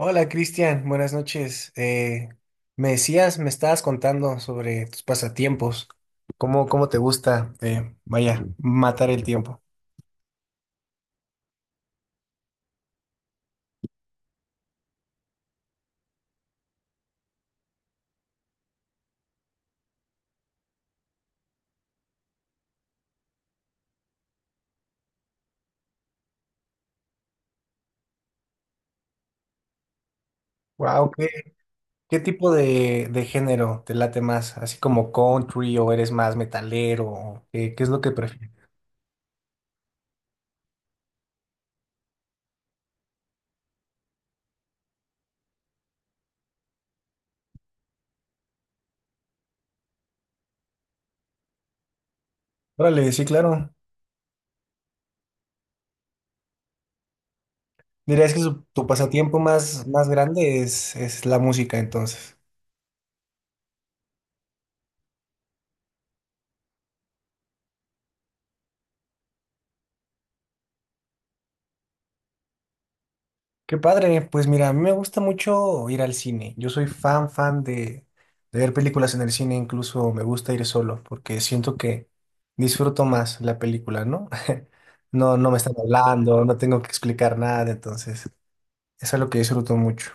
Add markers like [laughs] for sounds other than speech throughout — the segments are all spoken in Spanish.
Hola Cristian, buenas noches. Me decías, me estabas contando sobre tus pasatiempos, cómo te gusta, vaya, matar el tiempo. Wow, ¿qué tipo de género te late más? ¿Así como country o eres más metalero? ¿O qué es lo que prefieres? Órale, sí, claro. Dirías que tu pasatiempo más, más grande es la música entonces. Qué padre, pues mira, a mí me gusta mucho ir al cine. Yo soy fan, de ver películas en el cine, incluso me gusta ir solo porque siento que disfruto más la película, ¿no? [laughs] No, no me están hablando, no tengo que explicar nada, entonces eso es lo que disfruto mucho.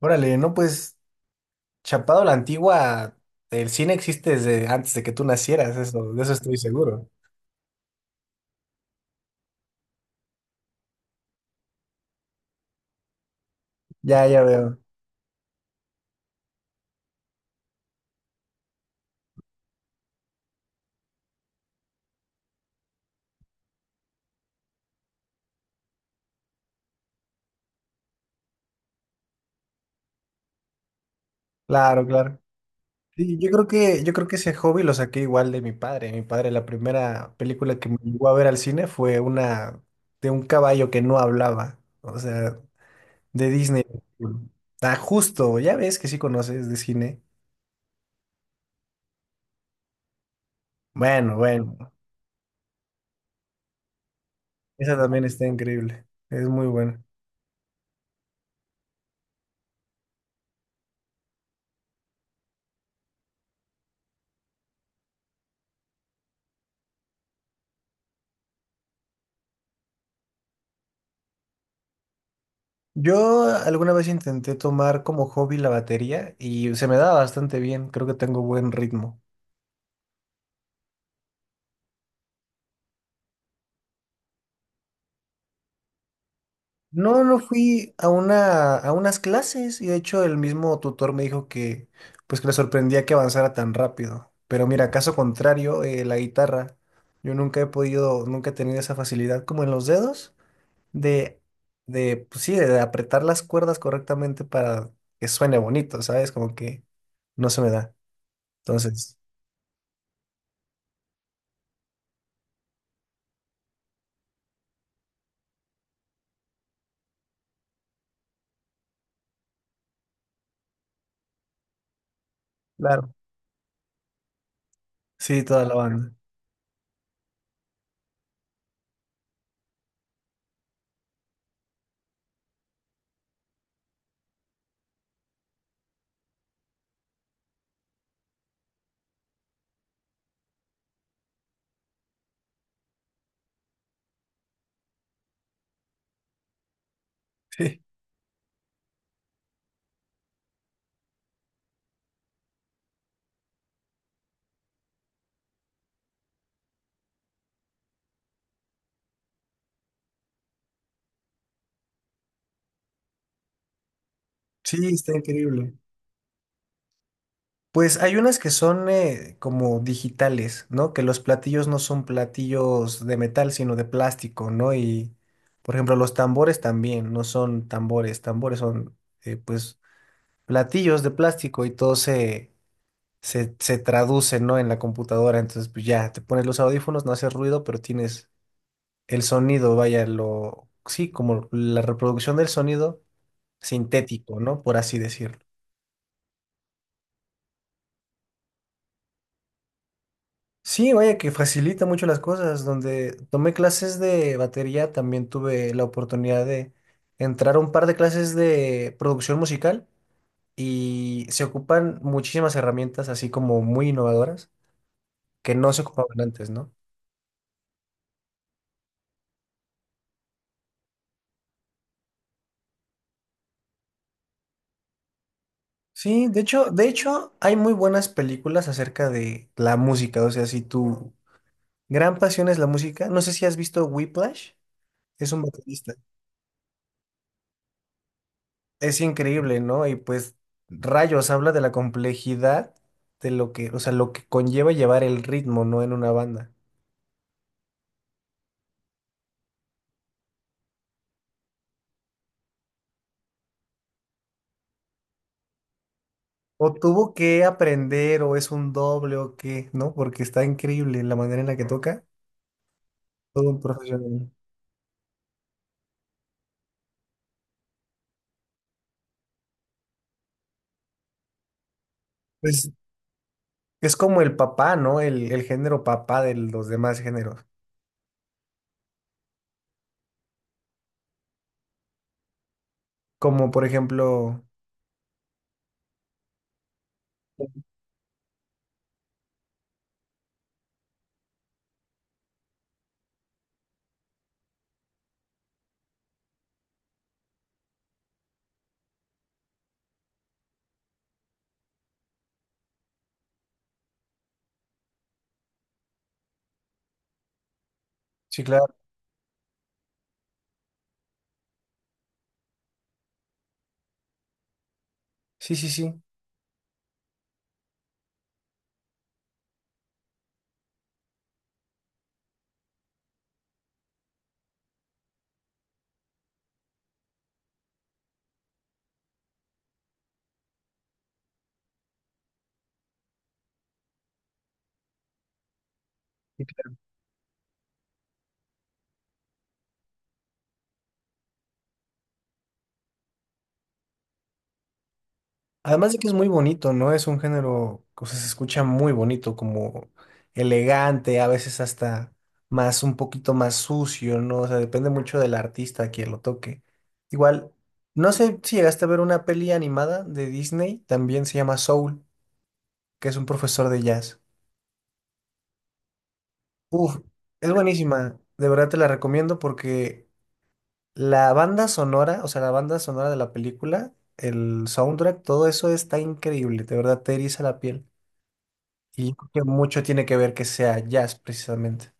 Órale, no, pues chapado la antigua, el cine existe desde antes de que tú nacieras, eso, de eso estoy seguro. Ya, ya veo. Claro, claro. Sí, yo creo que ese hobby lo saqué igual de mi padre. Mi padre, la primera película que me llevó a ver al cine fue una de un caballo que no hablaba, o sea, de Disney. Ah, justo, ya ves que sí conoces de cine. Bueno, bueno, esa también está increíble, es muy buena. Yo alguna vez intenté tomar como hobby la batería y se me da bastante bien, creo que tengo buen ritmo. No, no fui a una, a unas clases y de hecho el mismo tutor me dijo que pues que le sorprendía que avanzara tan rápido. Pero mira, caso contrario, la guitarra, yo nunca he podido, nunca he tenido esa facilidad como en los dedos de, de pues sí, de apretar las cuerdas correctamente para que suene bonito, ¿sabes? Como que no se me da. Entonces, claro, sí, toda la banda. [laughs] Sí, sí, está increíble. Pues hay unas que son como digitales, ¿no? Que los platillos no son platillos de metal, sino de plástico, ¿no? Y, por ejemplo, los tambores también no son tambores, tambores son, pues, platillos de plástico y todo se traduce, ¿no? En la computadora. Entonces, pues ya, te pones los audífonos, no hace ruido, pero tienes el sonido, vaya, lo, sí, como la reproducción del sonido sintético, ¿no? Por así decirlo. Sí, vaya que facilita mucho las cosas. Donde tomé clases de batería, también tuve la oportunidad de entrar a un par de clases de producción musical y se ocupan muchísimas herramientas así como muy innovadoras que no se ocupaban antes, ¿no? Sí, de hecho hay muy buenas películas acerca de la música, o sea, si tu gran pasión es la música, no sé si has visto Whiplash, es un baterista. Es increíble, ¿no? Y pues rayos, habla de la complejidad de lo que, o sea, lo que conlleva llevar el ritmo, ¿no? En una banda. O tuvo que aprender, o es un doble, o qué, ¿no? Porque está increíble la manera en la que toca. Todo un profesional. Pues es como el papá, ¿no? El género papá de los demás géneros. Como por ejemplo, sí, claro. Sí, sí, sí. Además de que es muy bonito, ¿no? Es un género, o sea, se escucha muy bonito, como elegante, a veces hasta más, un poquito más sucio, ¿no? O sea, depende mucho del artista a quien lo toque. Igual, no sé si llegaste a ver una peli animada de Disney, también se llama Soul, que es un profesor de jazz. Uf, es buenísima, de verdad te la recomiendo porque la banda sonora, o sea, la banda sonora de la película, el soundtrack, todo eso está increíble, de verdad te eriza la piel. Y yo creo que mucho tiene que ver que sea jazz, precisamente.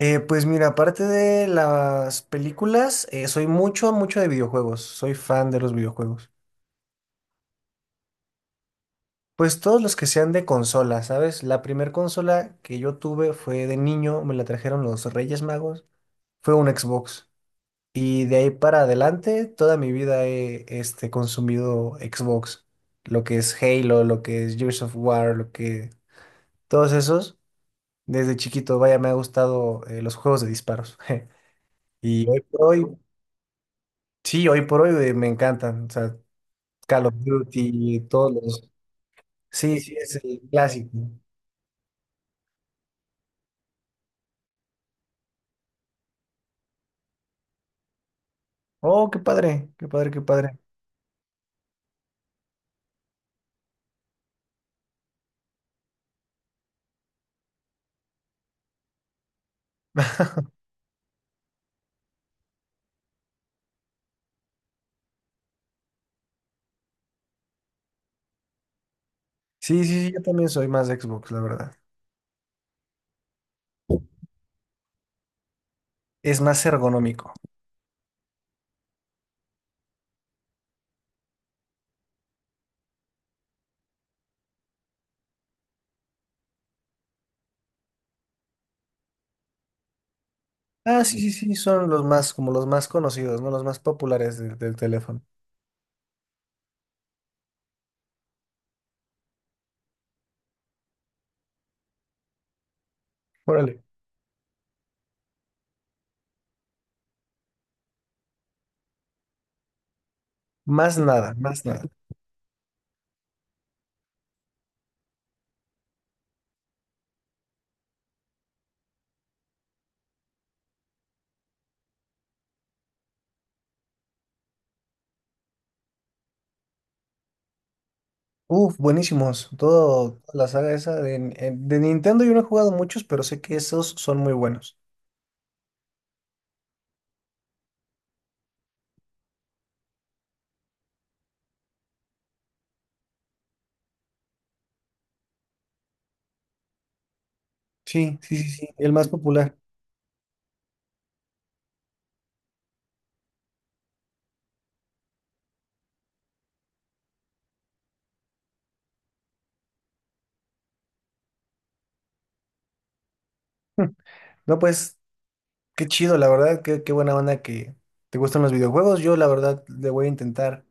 Pues mira, aparte de las películas, soy mucho, mucho de videojuegos. Soy fan de los videojuegos. Pues todos los que sean de consola, ¿sabes? La primer consola que yo tuve fue de niño, me la trajeron los Reyes Magos, fue un Xbox. Y de ahí para adelante, toda mi vida he este, consumido Xbox. Lo que es Halo, lo que es Gears of War, lo que... Todos esos. Desde chiquito, vaya, me ha gustado los juegos de disparos. [laughs] Y hoy por hoy, sí, hoy por hoy me encantan. O sea, Call of Duty, todos los. Sí, sí, es el clásico. Oh, qué padre, qué padre, qué padre. Sí, sí, sí, yo también soy más de Xbox, la verdad. Es más ergonómico. Ah, sí, sí, sí, son los más, como los más conocidos, ¿no? Los más populares del teléfono. Órale. Más nada, más nada. Uf, buenísimos. Todo, toda la saga esa de Nintendo yo no he jugado muchos, pero sé que esos son muy buenos. Sí, sí, sí, sí, el más popular. [laughs] No, pues, qué chido, la verdad, qué, qué buena onda que te gustan los videojuegos. Yo, la verdad, le voy a intentar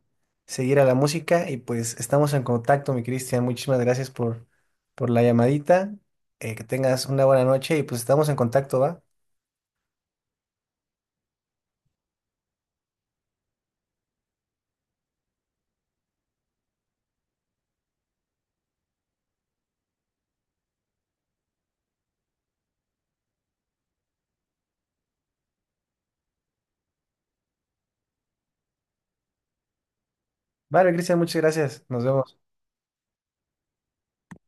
seguir a la música y pues estamos en contacto, mi Cristian. Muchísimas gracias por la llamadita. Que tengas una buena noche y pues estamos en contacto, ¿va? Vale, Cristian, muchas gracias. Nos vemos.